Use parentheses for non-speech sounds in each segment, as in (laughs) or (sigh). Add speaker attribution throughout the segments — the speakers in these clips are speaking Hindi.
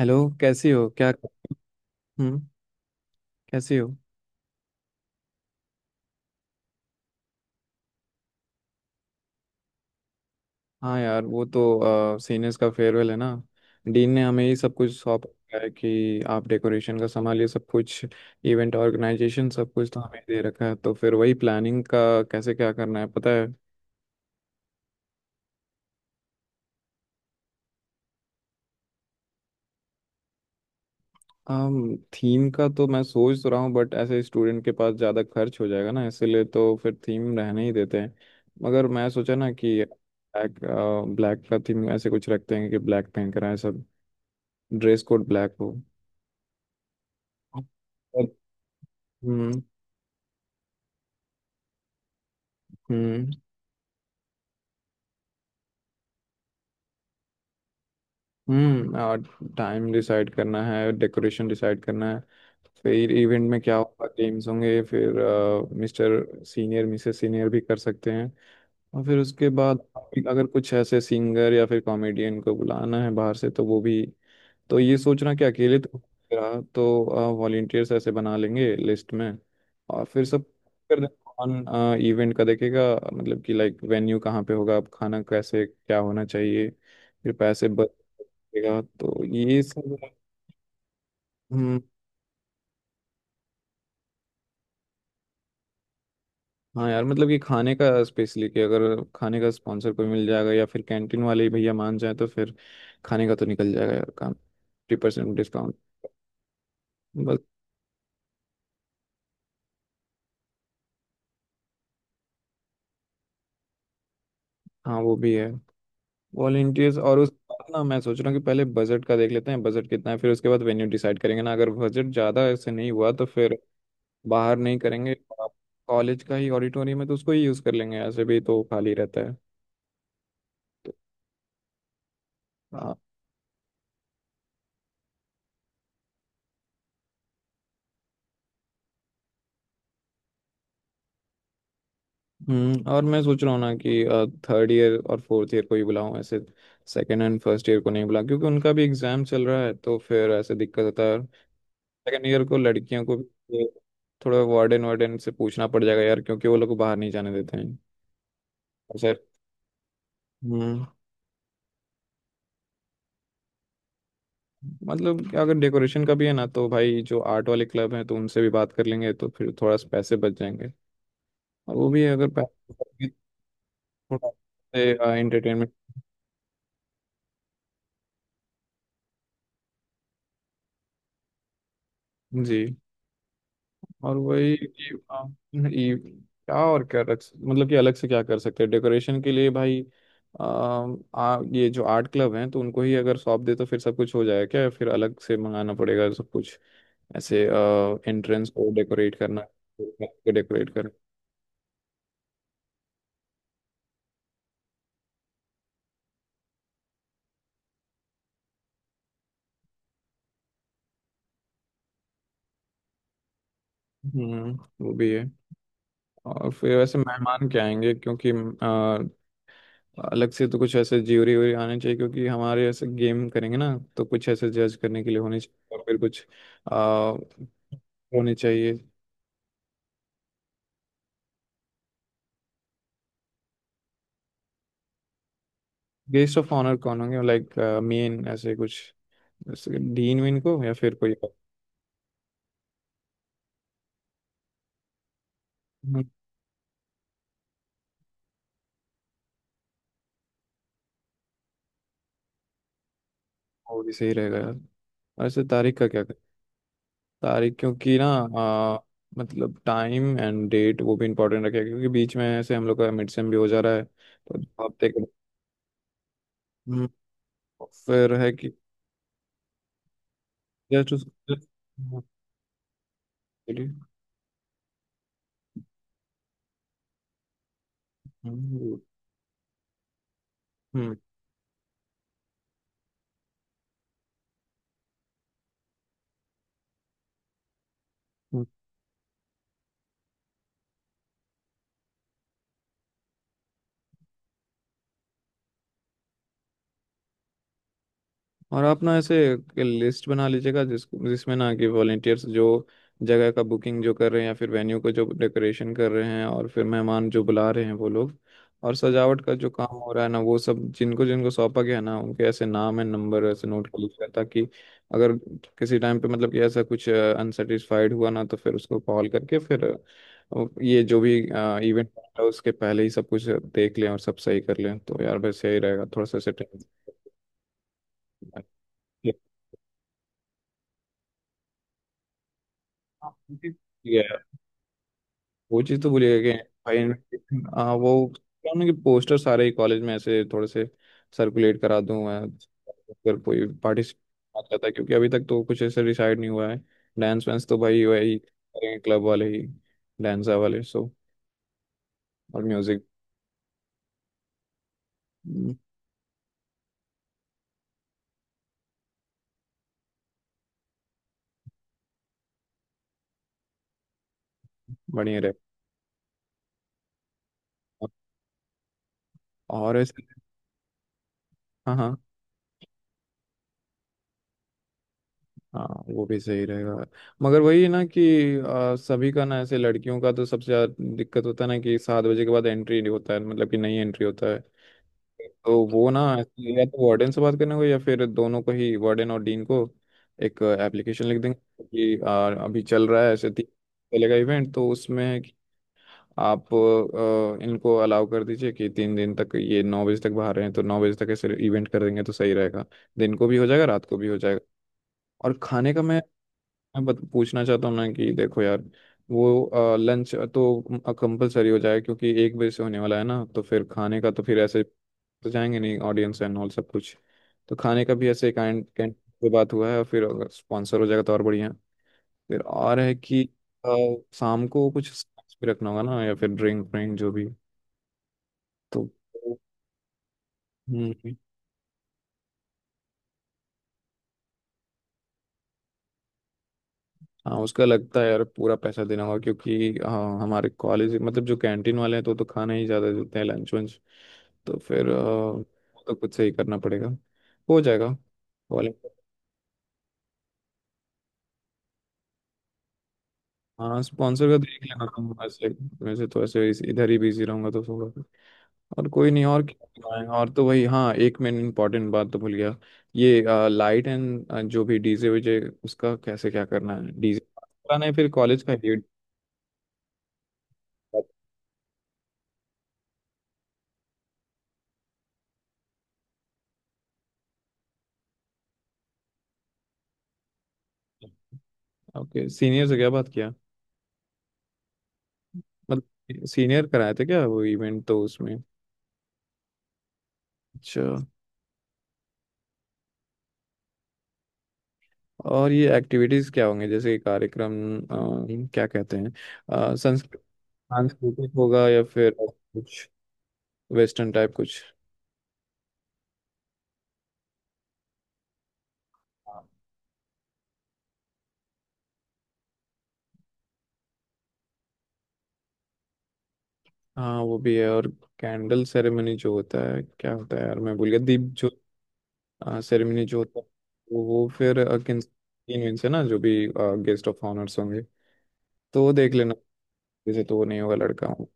Speaker 1: हेलो। कैसी हो क्या? हम्म। कैसी हो? हाँ यार, वो तो सीनियर्स का फेयरवेल है ना। डीन ने हमें ये सब कुछ सौंप रखा है कि आप डेकोरेशन का संभालिए सब कुछ। इवेंट ऑर्गेनाइजेशन सब कुछ तो हमें दे रखा है, तो फिर वही प्लानिंग का कैसे क्या करना है पता है? थीम का तो मैं सोच तो रहा हूँ बट ऐसे स्टूडेंट के पास ज़्यादा खर्च हो जाएगा ना, इसलिए तो फिर थीम रहने ही देते हैं। मगर मैं सोचा ना कि ब्लैक ब्लैक का थीम ऐसे कुछ रखते हैं कि ब्लैक पहन कर आए सब। ड्रेस कोड ब्लैक हो। और। हम्म। हम्म। और टाइम डिसाइड करना है, डेकोरेशन डिसाइड करना है। फिर इवेंट में क्या होगा, गेम्स होंगे। फिर मिस्टर सीनियर मिसेस सीनियर भी कर सकते हैं। और फिर उसके बाद अगर कुछ ऐसे सिंगर या फिर कॉमेडियन को बुलाना है बाहर से, तो वो भी। तो ये सोचना कि अकेले तो रहा तो वॉलेंटियर्स ऐसे बना लेंगे लिस्ट में। और फिर सब कर देंगे। कौन इवेंट का देखेगा, मतलब कि लाइक वेन्यू कहाँ पे होगा, अब खाना कैसे क्या होना चाहिए, फिर पैसे बचेगा तो ये सब। हम्म। हाँ यार, मतलब कि खाने का स्पेशली, कि अगर खाने का स्पॉन्सर कोई मिल जाएगा या फिर कैंटीन वाले ही भैया मान जाए तो फिर खाने का तो निकल जाएगा यार काम। 50% डिस्काउंट। बस। हाँ वो भी है। वॉलेंटियर्स और उस ना, मैं सोच रहा हूँ कि पहले बजट का देख लेते हैं, बजट कितना है, फिर उसके बाद वेन्यू डिसाइड करेंगे ना। अगर बजट ज़्यादा ऐसे नहीं हुआ तो फिर बाहर नहीं करेंगे। कॉलेज का ही ऑडिटोरियम है तो उसको ही यूज़ कर लेंगे, ऐसे भी तो खाली रहता है। आ, हम्म। और मैं सोच रहा हूँ ना कि थर्ड ईयर और फोर्थ ईयर को ही बुलाऊं ऐसे। सेकेंड एंड फर्स्ट ईयर को नहीं बुला, क्योंकि उनका भी एग्जाम चल रहा है, तो फिर ऐसे दिक्कत होता है। सेकेंड ईयर को, लड़कियों को भी थोड़ा वार्डन वार्डन से पूछना पड़ जाएगा यार, क्योंकि वो लोग को बाहर नहीं जाने देते हैं। और सर। हम्म मतलब कि अगर डेकोरेशन का भी है ना, तो भाई जो आर्ट वाले क्लब हैं तो उनसे भी बात कर लेंगे तो फिर थोड़ा सा पैसे बच जाएंगे। और वो भी अगर पैसे (laughs) थोड़ा एंटरटेनमेंट। जी। और वही कि ये क्या और क्या रख, मतलब कि अलग से क्या कर सकते हैं डेकोरेशन के लिए भाई। आ, आ, ये जो आर्ट क्लब हैं तो उनको ही अगर सौंप दे तो फिर सब कुछ हो जाएगा क्या, या फिर अलग से मंगाना पड़ेगा सब कुछ ऐसे। एंट्रेंस को डेकोरेट करना (laughs) डेकोरेट कर। हम्म, वो भी है। और फिर वैसे मेहमान क्या आएंगे? क्योंकि आ, अलग से तो कुछ ऐसे ज्यूरी व्यूरी आने चाहिए, क्योंकि हमारे ऐसे गेम करेंगे ना, तो कुछ ऐसे जज करने के लिए होने चाहिए। और फिर कुछ आ, होने चाहिए। गेस्ट ऑफ ऑनर कौन होंगे, लाइक मेन ऐसे कुछ, जैसे डीन वीन को या फिर कोई और। हम्म, वो भी सही रहेगा यार। वैसे तारीख का क्या करें? तारीख, क्योंकि ना मतलब टाइम एंड डेट वो भी इम्पोर्टेंट रखेगा, क्योंकि बीच में ऐसे हम लोग का मिड सेम भी हो जा रहा है तो हफ्ते के। फिर है कि जस्ट उसको। हम्म। हम्म। हम्म। और आप ना ऐसे लिस्ट बना लीजिएगा, जिस जिसमें ना कि वॉलेंटियर्स जो जगह का बुकिंग जो कर रहे हैं या फिर वेन्यू को जो डेकोरेशन कर रहे हैं और फिर मेहमान जो बुला रहे हैं वो लोग, और सजावट का जो काम हो रहा है ना, वो सब जिनको जिनको सौंपा गया ना, उनके ऐसे नाम है, नंबर ऐसे नोट कर लीजिएगा, ताकि अगर किसी टाइम पे मतलब कि ऐसा कुछ अनसेटिस्फाइड हुआ ना तो फिर उसको कॉल करके फिर ये जो भी इवेंट है उसके पहले ही सब कुछ देख लें और सब सही कर लें तो यार बस यही रहेगा थोड़ा सा ऐसे। हाँ, वो चीज़ ये है। वो चीज़ तो भूलिएगा कि भाई इनविटेशन, हाँ वो क्या ना, कि पोस्टर सारे ही कॉलेज में ऐसे थोड़े से सर्कुलेट करा दूं मैं, अगर कोई पार्टिसिपेट करता है, क्योंकि अभी तक तो कुछ ऐसे डिसाइड नहीं हुआ है। डांस वांस तो भाई वही करेंगे, क्लब वाले ही, डांसर वाले, सो। और म्यूजिक बढ़िया रहे। और ऐसे। हाँ हाँ हाँ, वो भी सही रहेगा। मगर वही है ना कि सभी का ना ऐसे, लड़कियों का तो सबसे ज्यादा दिक्कत होता है ना कि 7 बजे के बाद एंट्री नहीं होता है, मतलब कि नहीं एंट्री होता है। तो वो ना ऐसे या तो वार्डन से बात करने को या फिर दोनों को ही वार्डन और डीन को एक एप्लीकेशन लिख देंगे कि अभी चल रहा है ऐसे तीन चलेगा इवेंट, तो उसमें है कि आप इनको अलाउ कर दीजिए कि 3 दिन तक ये 9 बजे तक बाहर हैं, तो 9 बजे तक ऐसे इवेंट कर देंगे तो सही रहेगा। दिन को भी हो जाएगा, रात को भी हो जाएगा। और खाने का मैं पूछना चाहता हूँ ना कि देखो यार वो लंच तो कंपलसरी हो जाए, क्योंकि 1 बजे से होने वाला है ना, तो फिर खाने का तो फिर ऐसे तो जाएंगे नहीं ऑडियंस एंड ऑल सब कुछ। तो खाने का भी ऐसे कैंट कैंट पे बात हुआ है, और फिर अगर स्पॉन्सर हो जाएगा तो और बढ़िया। फिर और है कि अ, शाम को कुछ स्नैक्स भी रखना होगा ना, या फिर ड्रिंक व्रिंक जो भी। तो हम्म। हाँ उसका लगता है यार पूरा पैसा देना होगा, क्योंकि हाँ हमारे कॉलेज, मतलब जो कैंटीन वाले हैं तो खाना ही ज़्यादा देते हैं लंच वंच, तो फिर वो तो खुद से ही करना पड़ेगा। हो जाएगा। कॉलेज। हाँ स्पॉन्सर का देख लेना तुम वैसे। वैसे तो ऐसे इधर ही बिजी रहूंगा तो थोड़ा। और कोई नहीं, और क्या करवाएं? और तो वही। हाँ, एक मैंने इम्पोर्टेंट बात तो भूल गया। ये लाइट एंड जो भी डीजे वीजे, उसका कैसे क्या करना है, डीजे कराना है फिर कॉलेज का। ओके, सीनियर से क्या बात किया, मतलब सीनियर कराए थे क्या वो इवेंट तो उसमें? अच्छा। और ये एक्टिविटीज क्या होंगे, जैसे कि कार्यक्रम क्या कहते हैं, अ, संस्कृ- सांस्कृतिक होगा या फिर कुछ वेस्टर्न टाइप कुछ। हाँ वो भी है। और कैंडल सेरेमनी जो होता है, क्या होता है यार मैं भूल गया, दीप जो सेरेमनी जो होता है, वो फिर किन तीन दिन से ना जो भी गेस्ट ऑफ ऑनर्स होंगे, तो वो देख लेना। जैसे तो वो नहीं होगा, लड़का हूँ।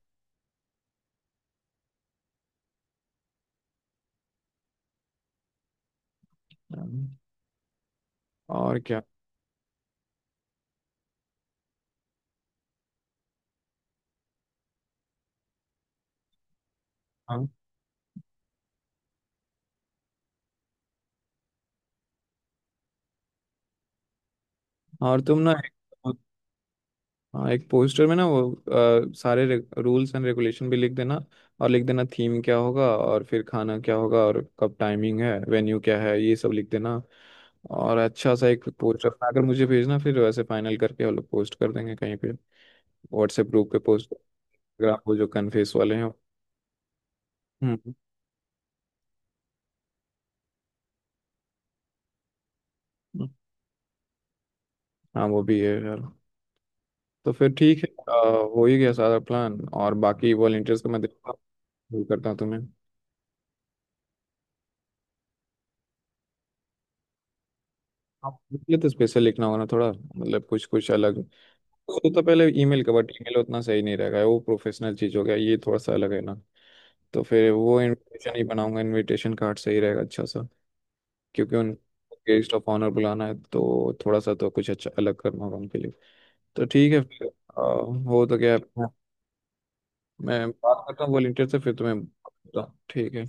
Speaker 1: और क्या? हाँ। और तुम ना, हाँ एक पोस्टर में ना वो सारे रूल्स एंड रेगुलेशन भी लिख देना, और लिख देना थीम क्या होगा और फिर खाना क्या होगा और कब टाइमिंग है वेन्यू क्या है, ये सब लिख देना। और अच्छा सा एक पोस्टर बनाकर मुझे भेजना, फिर वैसे फाइनल करके हम लोग पोस्ट कर देंगे कहीं पे। व्हाट्सएप ग्रुप पे पोस्ट, इंस्टाग्राम, वो जो कन्फेस वाले हैं। हम्म। हम्म। हाँ वो भी है यार। तो फिर ठीक है। हो ही गया सारा प्लान। और बाकी वॉलंटियर्स का मैं देखता हूँ, करता हूँ तुम्हें। आप इसलिए तो स्पेशल लिखना होगा ना, थोड़ा मतलब कुछ कुछ अलग, वो तो पहले ईमेल का, बट ईमेल उतना सही नहीं रहेगा, वो प्रोफेशनल चीज हो गया, ये थोड़ा सा अलग है ना। तो फिर वो इनविटेशन ही बनाऊंगा, इनविटेशन कार्ड सही रहेगा अच्छा सा, क्योंकि उन गेस्ट ऑफ ऑनर बुलाना है तो थोड़ा सा तो कुछ अच्छा अलग करना होगा उनके लिए। तो ठीक है फिर। हो तो गया। मैं बात करता हूँ वॉलंटियर से फिर तुम्हें बताता हूँ। ठीक है।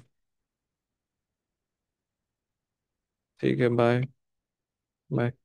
Speaker 1: ठीक है। बाय। बाय।